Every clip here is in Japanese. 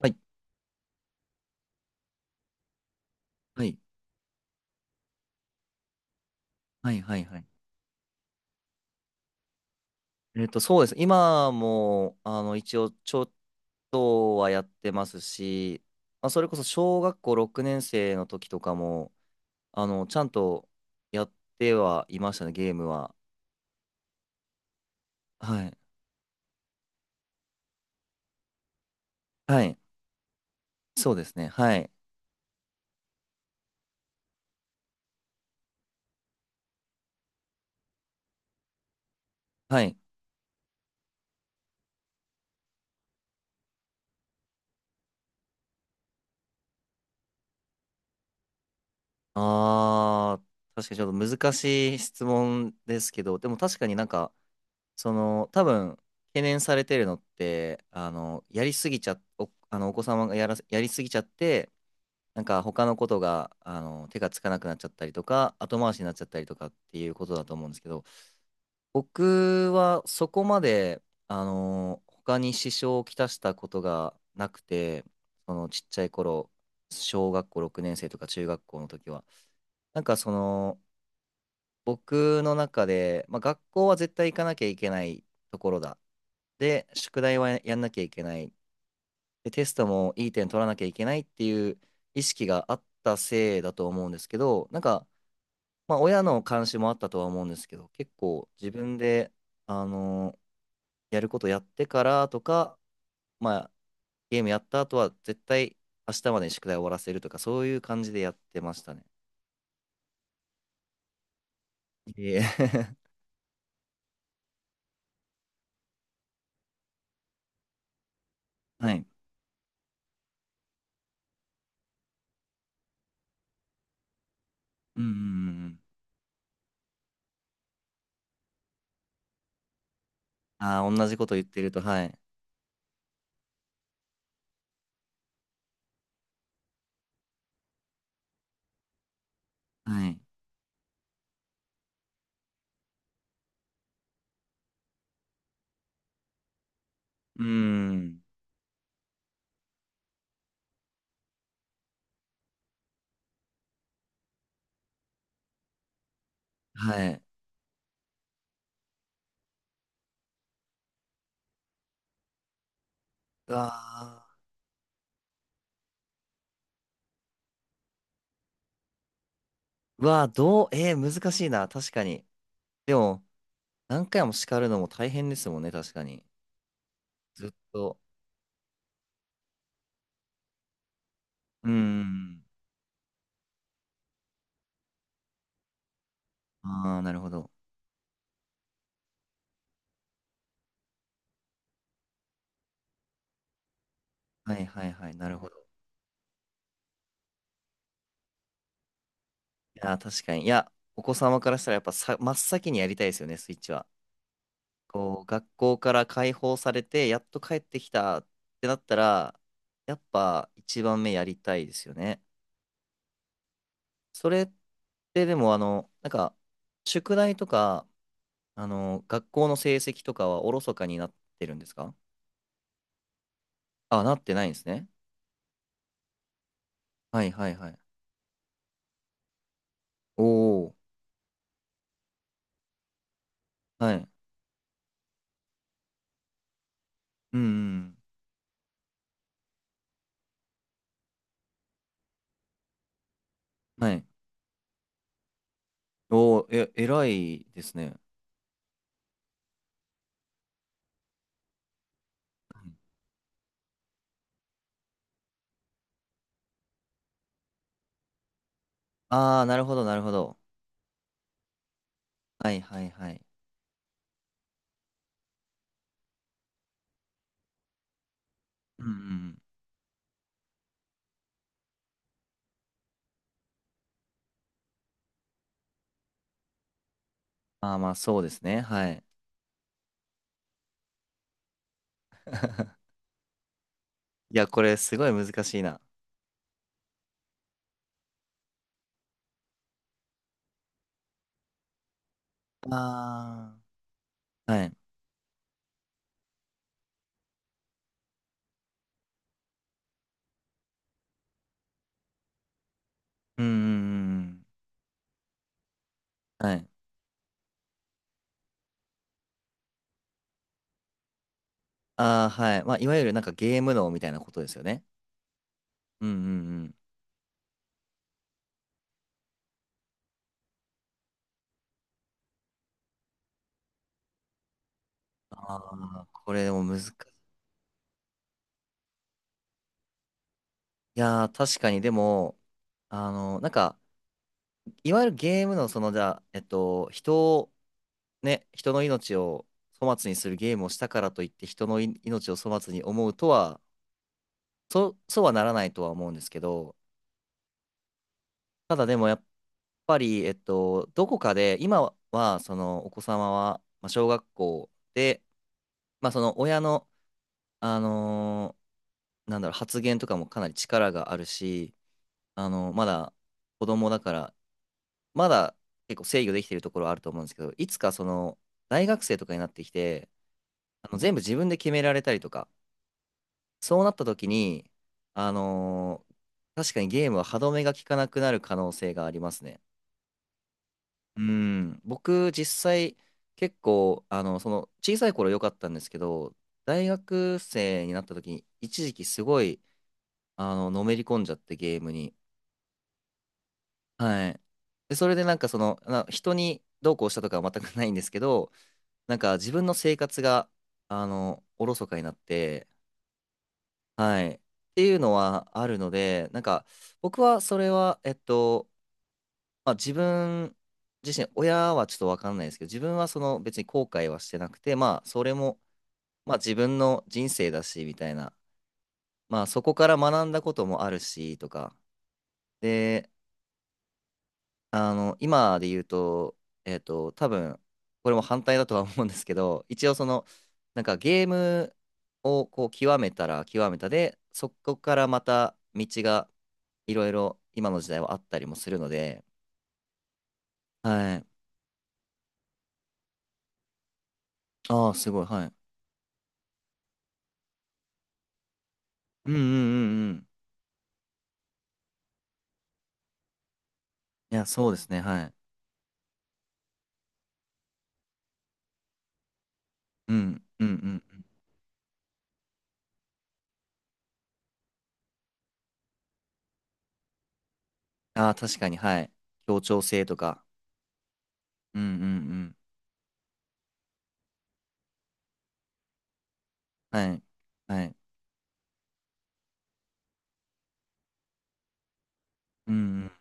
はい、はい、はい、はい。はい。そうです。今も、一応、ちょっとはやってますし、まあ、それこそ小学校6年生の時とかも、ちゃんとやってはいましたね、ゲームは。はい。はい。そうですね。はい。はい。あー、確かにちょっと難しい質問ですけど、でも確かになんか、その、多分、懸念されてるのって、あの、やりすぎちゃ、お、あの、お子様がやらせ、やりすぎちゃって、なんか他のことが、手がつかなくなっちゃったりとか、後回しになっちゃったりとかっていうことだと思うんですけど、僕はそこまで、他に支障をきたしたことがなくて、そのちっちゃい頃、小学校6年生とか中学校の時は、なんかその、僕の中で、まあ、学校は絶対行かなきゃいけないところだ。で、宿題はやんなきゃいけない。で、テストもいい点取らなきゃいけないっていう意識があったせいだと思うんですけど、なんか、まあ、親の監視もあったとは思うんですけど、結構自分で、あのやることやってからとか、まあ、ゲームやった後は絶対明日までに宿題終わらせるとか、そういう感じでやってましたね。いえ。 はい。うんうんうんうん。ああ、同じこと言ってると、はい。はい。うん。はい。うわーうわー、どう、えー難しいな、確かに。でも、何回も叱るのも大変ですもんね、確かに。ずっと。うん。ああ、なるほど。はいはいはい、なるほど。いやー、確かに。いや、お子様からしたらやっぱさ、真っ先にやりたいですよね、スイッチは。こう、学校から解放されて、やっと帰ってきたってなったら、やっぱ一番目やりたいですよね。それってでも、宿題とか、学校の成績とかはおろそかになってるんですか？あ、なってないんですね。はいはいはい。おお。はい。うんうん。はい。おお、え、偉いですね。ああー、なるほど、なるほど。はいはいはい。うんうん。ああ、まあそうですね。はい。いや、これすごい難しいな。ああ。はい。うんうんうんうん。はい。ああ、はい。まあ、いわゆるなんかゲーム脳みたいなことですよね。うんうんうん。ああ、これでも難しい。いやー、確かにでも、あの、なんか、いわゆるゲームのその、じゃあ、人の命を粗末にするゲームをしたからといって人のい命を粗末に思うとは、そうはならないとは思うんですけど、ただでもやっぱり、どこかで今はそのお子様は、まあ、小学校で、まあ、その親の、あのーなんだろう、発言とかもかなり力があるし、まだ子供だから、まだ結構制御できてるところはあると思うんですけど、いつかその大学生とかになってきて、全部自分で決められたりとか、そうなった時に、あのー確かにゲームは歯止めが効かなくなる可能性がありますね。うん、僕実際結構、その小さい頃良かったんですけど、大学生になった時に一時期すごい、のめり込んじゃってゲームに。はい。で、それでなんかその、人にどうこうしたとかは全くないんですけど、なんか自分の生活が、おろそかになって、はい。っていうのはあるので、なんか、僕はそれは、まあ、自分自身、親はちょっとわかんないですけど、自分はその別に後悔はしてなくて、まあ、それも、まあ、自分の人生だし、みたいな、まあ、そこから学んだこともあるし、とか、で、今で言うと、多分、これも反対だとは思うんですけど、一応その、なんかゲームをこう極めたら極めたで、そこからまた道がいろいろ今の時代はあったりもするので、はい。ああ、すごい、はい。うんうんうんうん。いや、そうですね、はい。うんうんうん。ああ、確かに、はい。協調性とか。うんうんうん。はい。はい。うんうん。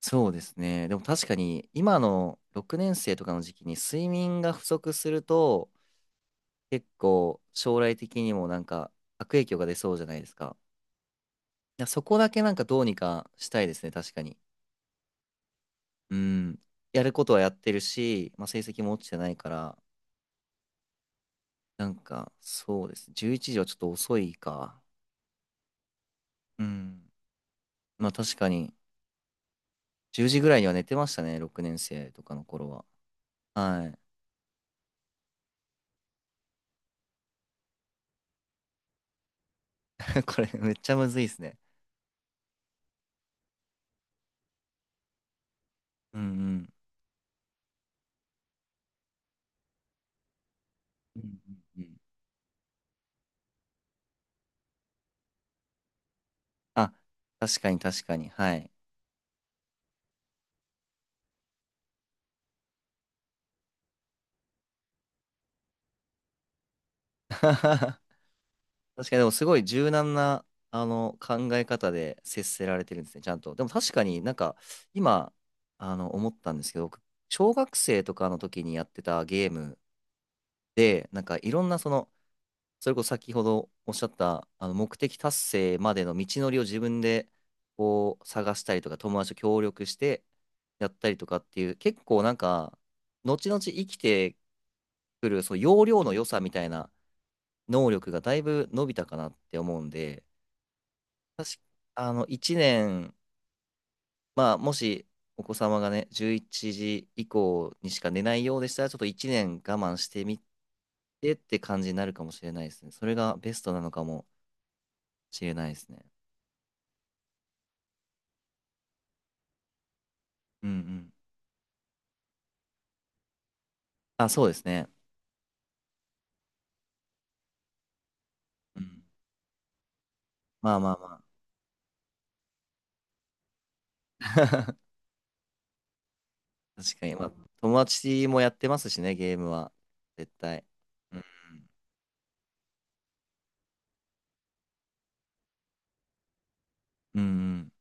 そうですね。でも確かに今の6年生とかの時期に睡眠が不足すると結構将来的にもなんか悪影響が出そうじゃないですか。いや、そこだけなんかどうにかしたいですね、確かに。うん。やることはやってるし、まあ、成績も落ちてないから、なんかそうです。11時はちょっと遅いか。うん。まあ確かに10時ぐらいには寝てましたね、6年生とかの頃は。はい。これめっちゃむずいですね。うんうん。うんうんうん。あ、確かに確かに。はい。確かに、でもすごい柔軟な、考え方で接せられてるんですね、ちゃんと。でも確かになんか、今、思ったんですけど、僕小学生とかの時にやってたゲームで、なんかいろんなその、それこそ先ほどおっしゃった、目的達成までの道のりを自分で、こう、探したりとか、友達と協力してやったりとかっていう、結構なんか、後々生きてくる、その要領の良さみたいな、能力がだいぶ伸びたかなって思うんで、確か、1年、まあ、もしお子様がね、11時以降にしか寝ないようでしたら、ちょっと1年我慢してみてって感じになるかもしれないですね。それがベストなのかもしれないですね。うんうん。あ、そうですね。うん。まあまあまあ。確かに、まあ、友達もやってますしね、ゲームは。絶対。うんうん。うんうん